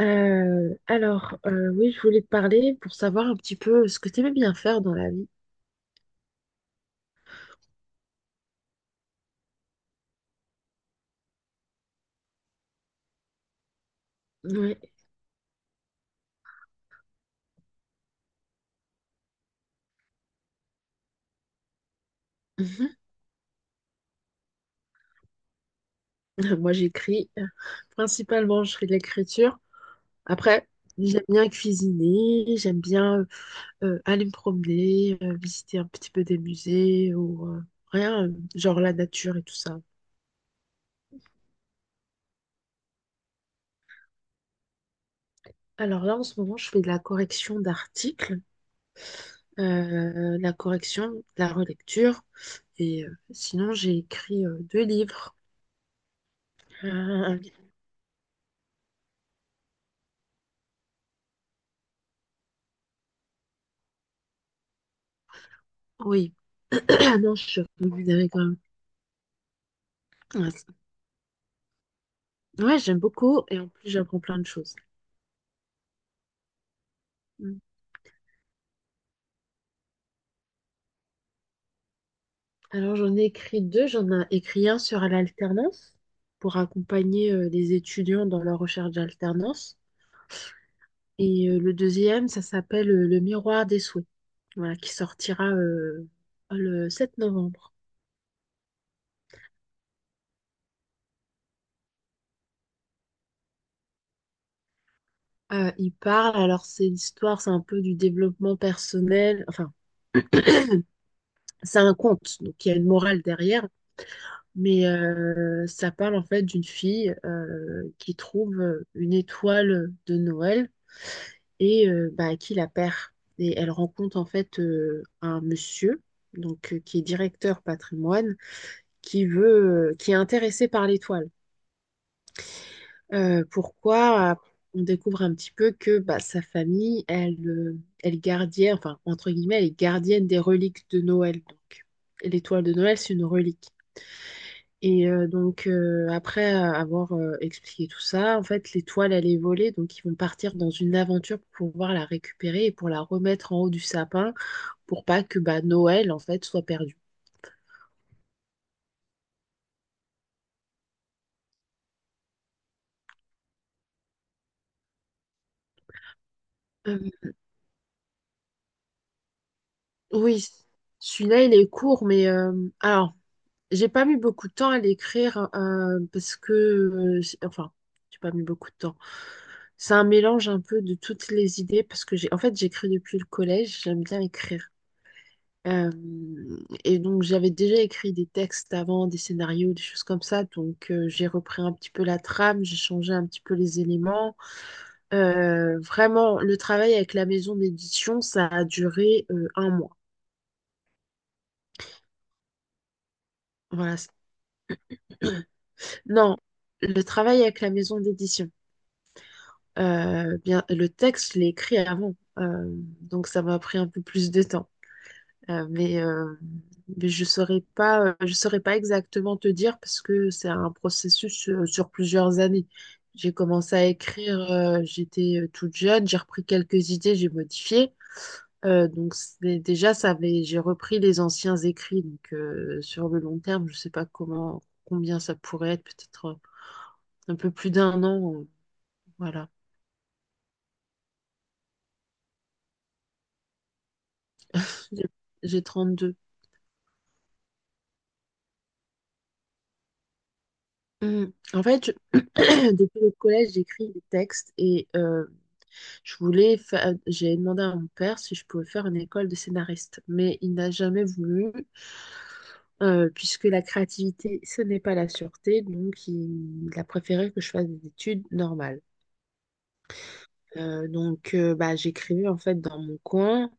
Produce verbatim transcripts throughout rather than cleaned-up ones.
Euh, alors, euh, oui, je voulais te parler pour savoir un petit peu ce que tu aimais bien faire dans la vie. Oui. Moi, j'écris. euh, Principalement, je fais de l'écriture. Après, j'aime bien cuisiner, j'aime bien euh, aller me promener, euh, visiter un petit peu des musées ou euh, rien, euh, genre la nature et tout ça. Alors là, en ce moment, je fais de la correction d'articles, euh, la correction, la relecture. Et euh, sinon, j'ai écrit euh, deux livres. Oui, non, je suis rémunérée quand même. Ouais, c'est- ouais, j'aime beaucoup et en plus j'apprends plein de choses. Mm. Alors j'en ai écrit deux, j'en ai écrit un sur l'alternance pour accompagner euh, les étudiants dans leur recherche d'alternance. Et euh, le deuxième, ça s'appelle euh, Le miroir des souhaits, voilà, qui sortira euh, le sept novembre. Euh, il parle, alors c'est l'histoire, c'est un peu du développement personnel, enfin c'est un conte, donc il y a une morale derrière. Mais euh, ça parle en fait d'une fille euh, qui trouve une étoile de Noël et euh, bah, qui la perd. Et elle rencontre en fait euh, un monsieur donc euh, qui est directeur patrimoine qui veut euh, qui est intéressé par l'étoile. Euh, pourquoi? On découvre un petit peu que bah, sa famille, elle, euh, elle est gardienne, enfin entre guillemets, elle est gardienne des reliques de Noël. Donc et l'étoile de Noël, c'est une relique. Et euh, donc, euh, après avoir euh, expliqué tout ça, en fait, l'étoile, elle est volée. Donc, ils vont partir dans une aventure pour pouvoir la récupérer et pour la remettre en haut du sapin pour pas que bah, Noël, en fait, soit perdu. Euh, oui, celui-là, il est court, mais euh, alors, j'ai pas mis beaucoup de temps à l'écrire euh, parce que, euh, c'est- enfin, j'ai pas mis beaucoup de temps. C'est un mélange un peu de toutes les idées parce que j'ai, en fait, j'écris depuis le collège, j'aime bien écrire. Euh, et donc j'avais déjà écrit des textes avant, des scénarios, des choses comme ça. Donc euh, j'ai repris un petit peu la trame, j'ai changé un petit peu les éléments. Euh, vraiment, le travail avec la maison d'édition, ça a duré euh, un mois. Voilà. Non, le travail avec la maison d'édition. Euh, bien, le texte, je l'ai écrit avant. Euh, donc ça m'a pris un peu plus de temps. Euh, mais, euh, mais je saurais pas, euh, je saurais pas exactement te dire parce que c'est un processus euh, sur plusieurs années. J'ai commencé à écrire, euh, j'étais euh, toute jeune, j'ai repris quelques idées, j'ai modifié. Euh, donc c'est- déjà, ça avait, j'ai repris les anciens écrits. Donc euh, sur le long terme, je sais pas comment, combien ça pourrait être, peut-être euh, un peu plus d'un an. euh, voilà. J'ai j'ai deux. Mm. En fait, je- depuis le collège, j'écris des textes et euh, je voulais fa- j'ai demandé à mon père si je pouvais faire une école de scénariste, mais il n'a jamais voulu, euh, puisque la créativité, ce n'est pas la sûreté, donc il, il a préféré que je fasse des études normales. Euh, donc, euh, bah, j'écrivais en fait dans mon coin.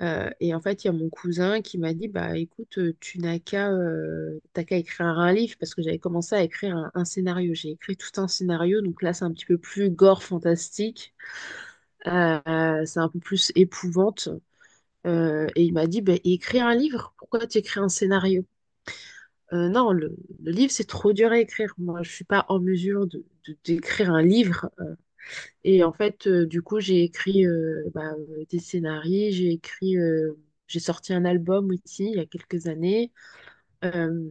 Euh, et en fait, il y a mon cousin qui m'a dit, bah écoute, euh, tu n'as qu'à euh, t'as qu'à écrire un livre parce que j'avais commencé à écrire un, un scénario. J'ai écrit tout un scénario, donc là c'est un petit peu plus gore fantastique. Euh, euh, c'est un peu plus épouvante. Euh, et il m'a dit, bah écris un livre. Pourquoi tu écris un scénario? Euh, non, le, le livre c'est trop dur à écrire. Moi, je suis pas en mesure de de- d'écrire un livre. Et en fait, euh, du coup, j'ai écrit euh, bah, euh, des scénarios, j'ai écrit, euh, j'ai sorti un album aussi il y a quelques années. Euh,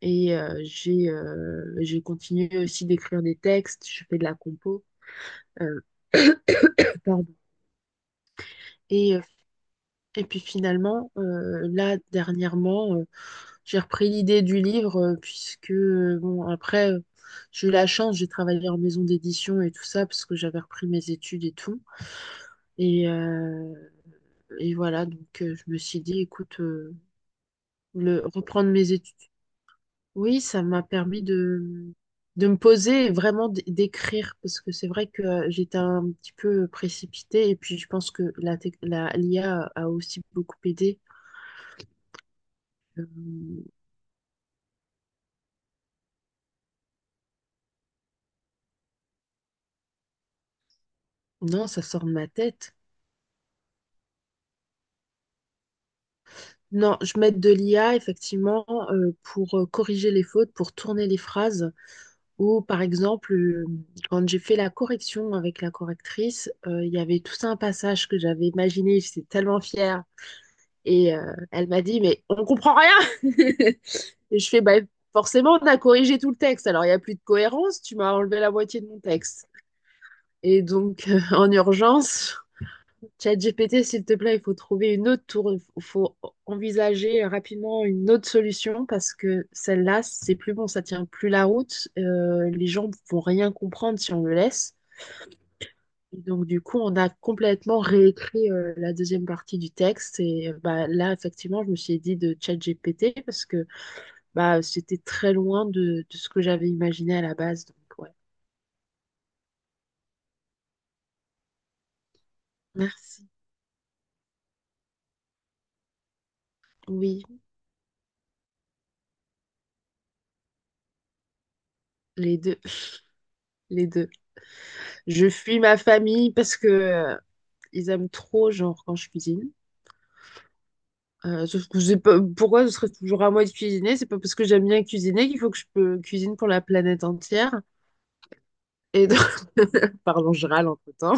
et euh, j'ai euh, j'ai continué aussi d'écrire des textes, je fais de la compo. Euh, Pardon. Et, euh, et puis finalement, euh, là, dernièrement, euh, j'ai repris l'idée du livre, euh, puisque, euh, bon, après, euh, j'ai eu la chance, j'ai travaillé en maison d'édition et tout ça, parce que j'avais repris mes études et tout. Et, euh, Et voilà, donc euh, je me suis dit, écoute, euh, le, reprendre mes études. Oui, ça m'a permis de, de me poser et vraiment d- d'écrire, parce que c'est vrai que euh, j'étais un petit peu précipitée, et puis je pense que la, tec- la, l'IA a a aussi beaucoup aidé. Euh, non, ça sort de ma tête. Non, je mets de l'I A, effectivement, euh, pour euh, corriger les fautes, pour tourner les phrases. Ou par exemple, euh, quand j'ai fait la correction avec la correctrice, euh, il y avait tout ça un passage que j'avais imaginé, j'étais tellement fière. Et euh, elle m'a dit, mais on comprend rien. Et je fais, bah, forcément, on a corrigé tout le texte. Alors, il n'y a plus de cohérence, tu m'as enlevé la moitié de mon texte. Et donc, euh, en urgence, ChatGPT, s'il te plaît, il faut trouver une autre tour, il faut envisager rapidement une autre solution parce que celle-là, c'est plus bon, ça tient plus la route. Euh, les gens vont rien comprendre si on le laisse. Et donc, du coup, on a complètement réécrit euh, la deuxième partie du texte. Et euh, bah, là, effectivement, je me suis dit de ChatGPT parce que bah, c'était très loin de, de ce que j'avais imaginé à la base. Donc, ouais. Merci. Oui, les deux. Les deux. Je fuis ma famille parce que euh, ils aiment trop, genre, quand je cuisine. Euh, sauf que j'ai pas... pourquoi ce serait toujours à moi de cuisiner? C'est pas parce que j'aime bien cuisiner qu'il faut que je peux cuisine pour la planète entière. Et donc, pardon, je râle entre-temps.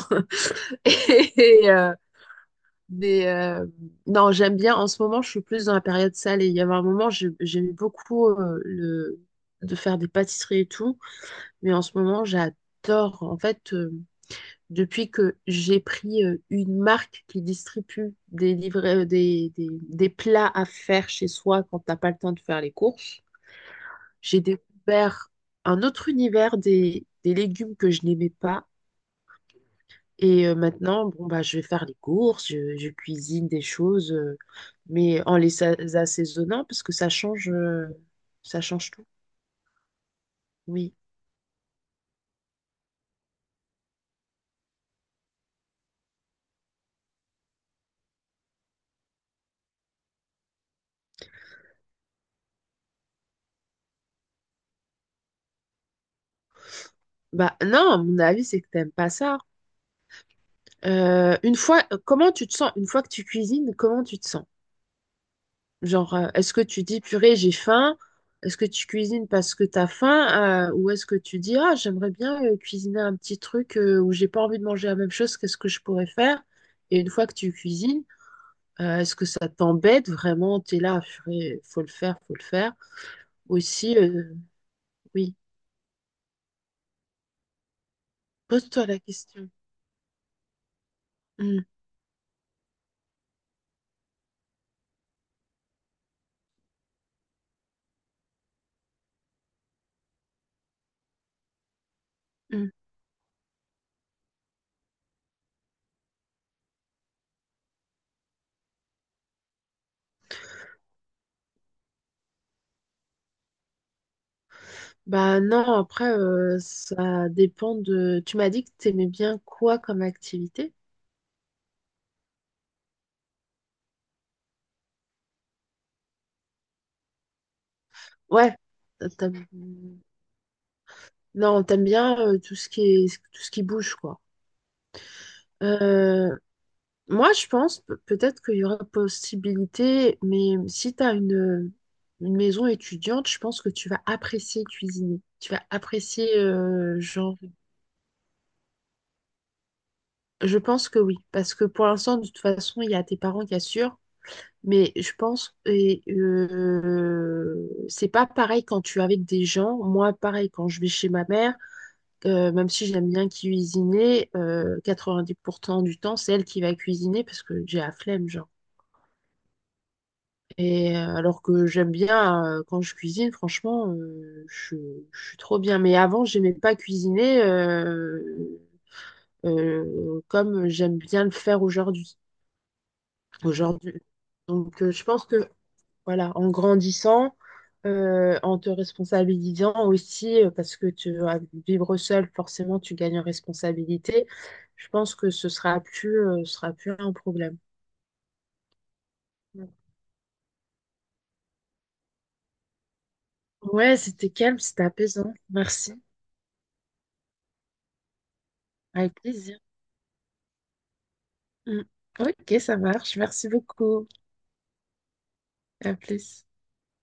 Et, euh, mais euh, non, j'aime bien. En ce moment, je suis plus dans la période salée. Il y avait un moment, je- j'aimais beaucoup euh, le... de faire des pâtisseries et tout. Mais en ce moment, j'adore. En fait, euh, depuis que j'ai pris euh, une marque qui distribue des livrets, euh, des, des- des plats à faire chez soi quand t'as pas le temps de faire les courses, j'ai découvert un autre univers des, des légumes que je n'aimais pas. Et euh, maintenant, bon, bah, je vais faire les courses, je, je cuisine des choses, euh, mais en les sa- assaisonnant parce que ça change, euh, ça change tout. Oui. Bah non, à mon avis, c'est que t'aimes pas ça. Euh, une fois, euh, comment tu te sens? Une fois que tu cuisines, comment tu te sens? Genre, euh, est-ce que tu dis, purée, j'ai faim? Est-ce que tu cuisines parce que t'as faim? Euh, ou est-ce que tu dis, ah, j'aimerais bien euh, cuisiner un petit truc euh, où j'ai pas envie de manger la même chose, qu'est-ce que je pourrais faire? Et une fois que tu cuisines, euh, est-ce que ça t'embête vraiment? T'es là, purée, faut le faire, faut le faire. Aussi, euh, oui, pose-toi la question. Mm, mm. Bah non, après, euh, ça dépend de... Tu m'as dit que t'aimais bien quoi comme activité? Ouais, t'as- t'as- Non, t'aimes bien euh, tout ce qui est, tout ce qui bouge, quoi. Euh, Moi, je pense pe- peut-être qu'il y aura possibilité, mais si t'as une, une maison étudiante, je pense que tu vas apprécier cuisiner. Tu vas apprécier, euh, genre, je pense que oui, parce que pour l'instant, de toute façon, il y a tes parents qui assurent, mais je pense, et euh, c'est pas pareil quand tu es avec des gens. Moi, pareil, quand je vais chez ma mère. Euh, même si j'aime bien cuisiner, euh, quatre-vingt-dix pour cent du temps, c'est elle qui va cuisiner parce que j'ai la flemme, genre. Et euh, alors que j'aime bien euh, quand je cuisine, franchement, euh, je, je suis trop bien. Mais avant, j'aimais pas cuisiner euh, euh, comme j'aime bien le faire aujourd'hui. Aujourd'hui. Donc, euh, je pense que voilà, en grandissant, euh, en te responsabilisant aussi, euh, parce que tu vas vivre seul, forcément, tu gagnes en responsabilité. Je pense que ce sera plus, euh, ce sera plus un problème. Mm. Ouais, c'était calme, c'était apaisant. Merci. Avec plaisir. Mm. Ok, ça marche. Merci beaucoup. À plus.